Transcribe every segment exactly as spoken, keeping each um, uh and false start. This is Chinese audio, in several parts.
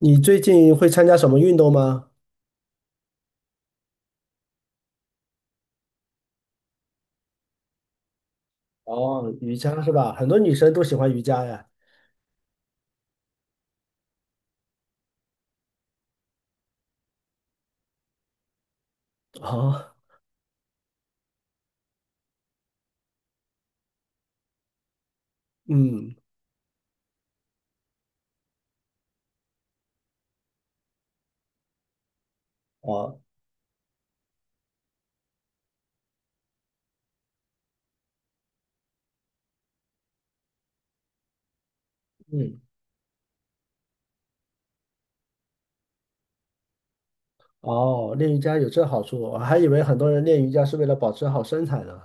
你最近会参加什么运动吗？哦，瑜伽是吧？很多女生都喜欢瑜伽呀。哦，嗯，哦，嗯，哦，练瑜伽有这好处，我还以为很多人练瑜伽是为了保持好身材呢。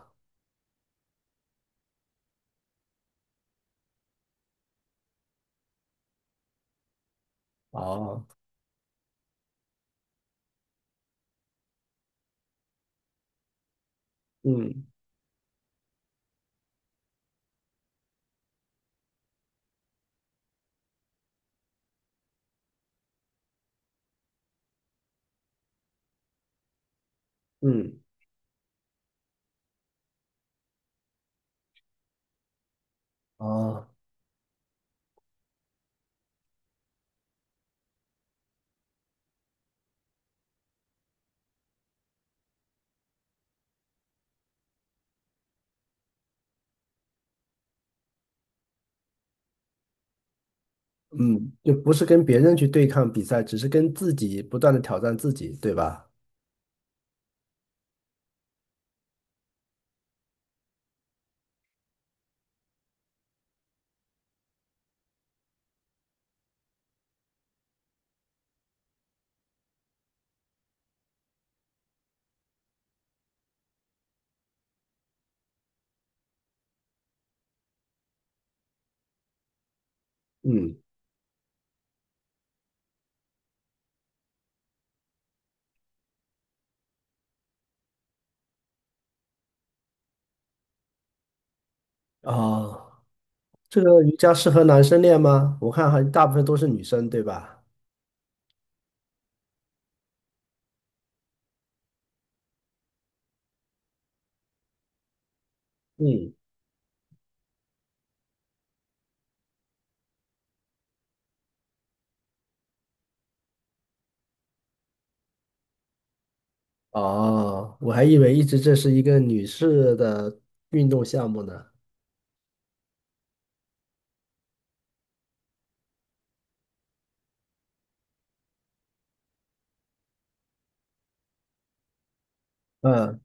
哦，嗯嗯，哦，嗯，就不是跟别人去对抗比赛，只是跟自己不断的挑战自己，对吧？嗯，哦，这个瑜伽适合男生练吗？我看还大部分都是女生，对吧？嗯，哦，我还以为一直这是一个女士的运动项目呢。嗯，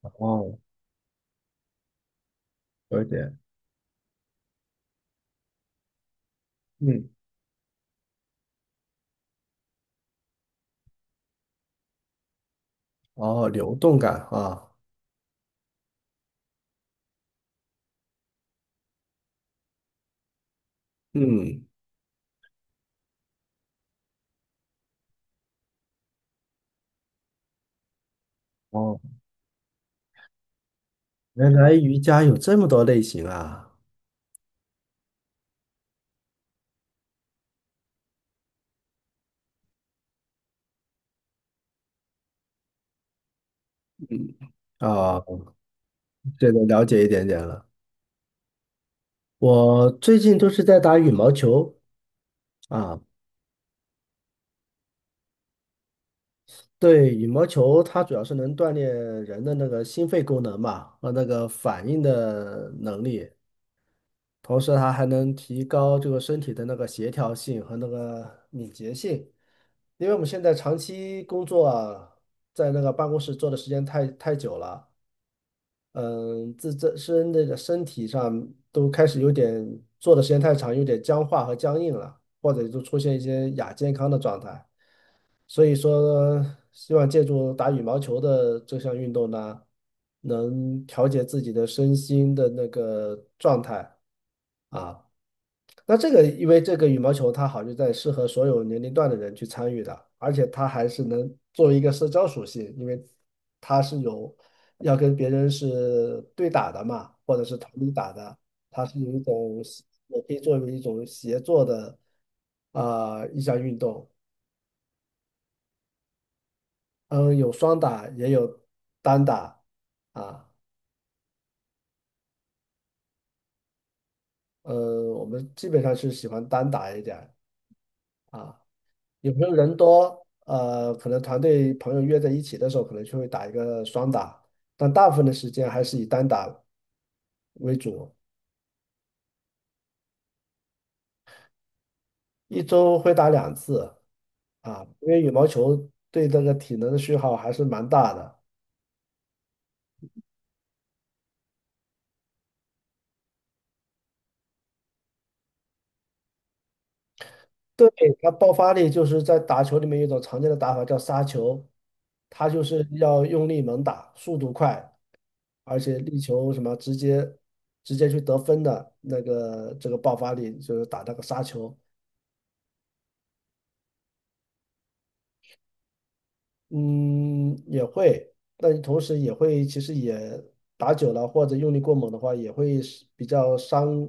哦，有点，嗯，哦，流动感啊，嗯，哦，原来瑜伽有这么多类型啊，嗯，啊，这个了解一点点了。我最近都是在打羽毛球啊。对，羽毛球它主要是能锻炼人的那个心肺功能嘛，和那个反应的能力。同时它还能提高这个身体的那个协调性和那个敏捷性，因为我们现在长期工作啊，在那个办公室坐的时间太太久了，嗯，自自身个身体上都开始有点坐的时间太长，有点僵化和僵硬了，或者就出现一些亚健康的状态。所以说，希望借助打羽毛球的这项运动呢，能调节自己的身心的那个状态啊。那这个，因为这个羽毛球它好就在适合所有年龄段的人去参与的，而且它还是能作为一个社交属性，因为它是有要跟别人是对打的嘛，或者是团体打的，它是有一种也可以作为一种协作的啊、呃一项运动。嗯，有双打，也有单打啊。呃，我们基本上是喜欢单打一点儿啊。有时候人多，呃，可能团队朋友约在一起的时候，可能就会打一个双打，但大部分的时间还是以单打为主，一周会打两次啊，因为羽毛球对这个体能的消耗还是蛮大的。对，它爆发力就是在打球里面有一种常见的打法叫杀球，它就是要用力猛打，速度快，而且力求什么直接直接去得分的那个这个爆发力，就是打那个杀球。嗯，也会，但同时也会，其实也打久了或者用力过猛的话，也会是比较伤。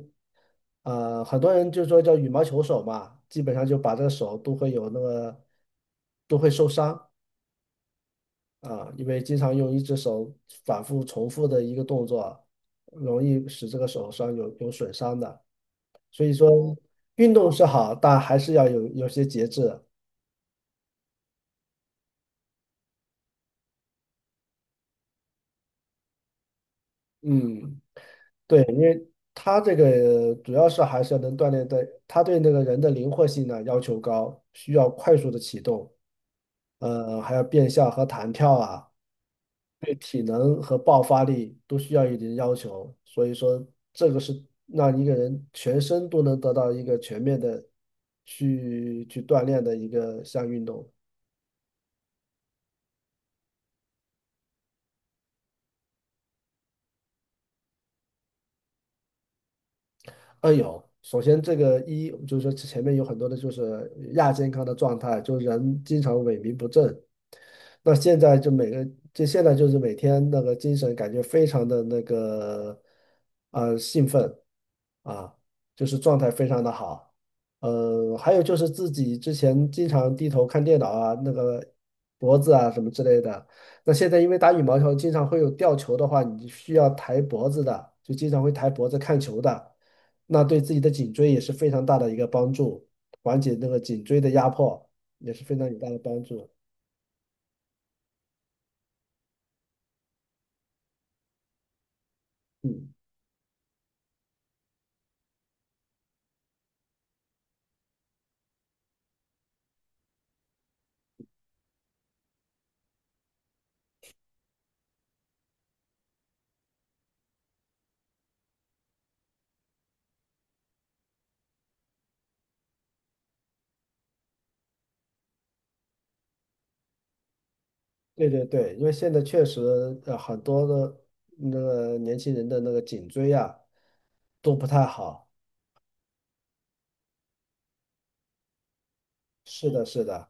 呃，很多人就说叫羽毛球手嘛，基本上就把这个手都会有那个都会受伤啊，因为经常用一只手反复重复的一个动作，容易使这个手上有有损伤的。所以说，哦运动是好，但还是要有有些节制。嗯。对。它这个主要是还是要能锻炼的，它对那个人的灵活性呢要求高，需要快速的启动，呃，还有变向和弹跳啊，对体能和爆发力都需要一定要求。所以说，这个是让一个人全身都能得到一个全面的去去锻炼的一个项运动。呃，有。首先，这个一就是说前面有很多的就是亚健康的状态，就人经常萎靡不振。那现在就每个就现在就是每天那个精神感觉非常的那个呃兴奋啊，就是状态非常的好。呃，还有就是自己之前经常低头看电脑啊，那个脖子啊什么之类的。那现在因为打羽毛球经常会有吊球的话，你需要抬脖子的，就经常会抬脖子看球的。那对自己的颈椎也是非常大的一个帮助，缓解那个颈椎的压迫也是非常有大的帮助。嗯，对对对，因为现在确实呃很多的那个年轻人的那个颈椎啊都不太好。是的，是的，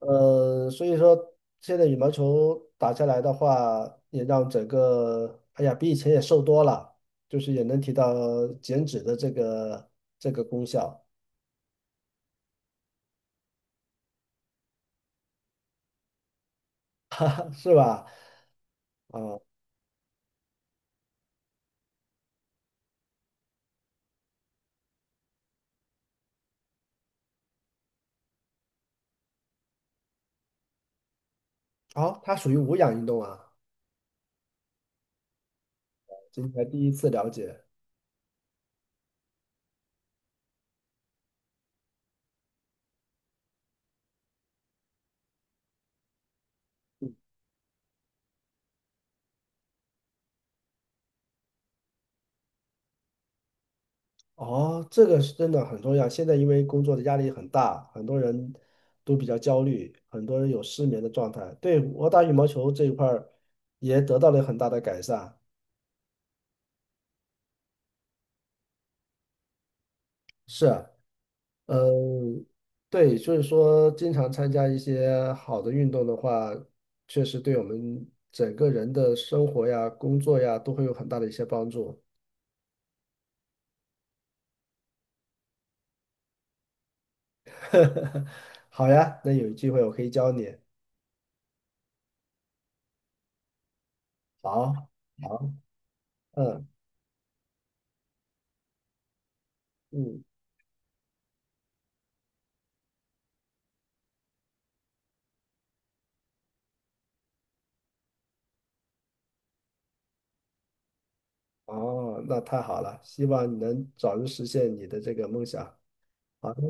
呃，所以说现在羽毛球打下来的话，也让整个哎呀比以前也瘦多了，就是也能提到减脂的这个这个功效，是吧？啊、好，它属于无氧运动啊。今天第一次了解，哦，这个是真的很重要。现在因为工作的压力很大，很多人都比较焦虑，很多人有失眠的状态。对，我打羽毛球这一块儿也得到了很大的改善。是啊，嗯，对，所以说经常参加一些好的运动的话，确实对我们整个人的生活呀、工作呀都会有很大的一些帮助。好呀，那有机会我可以教你。好，好，嗯嗯。哦，那太好了，希望你能早日实现你的这个梦想。好的，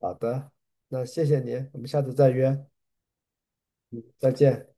好的，那谢谢你，我们下次再约，再见。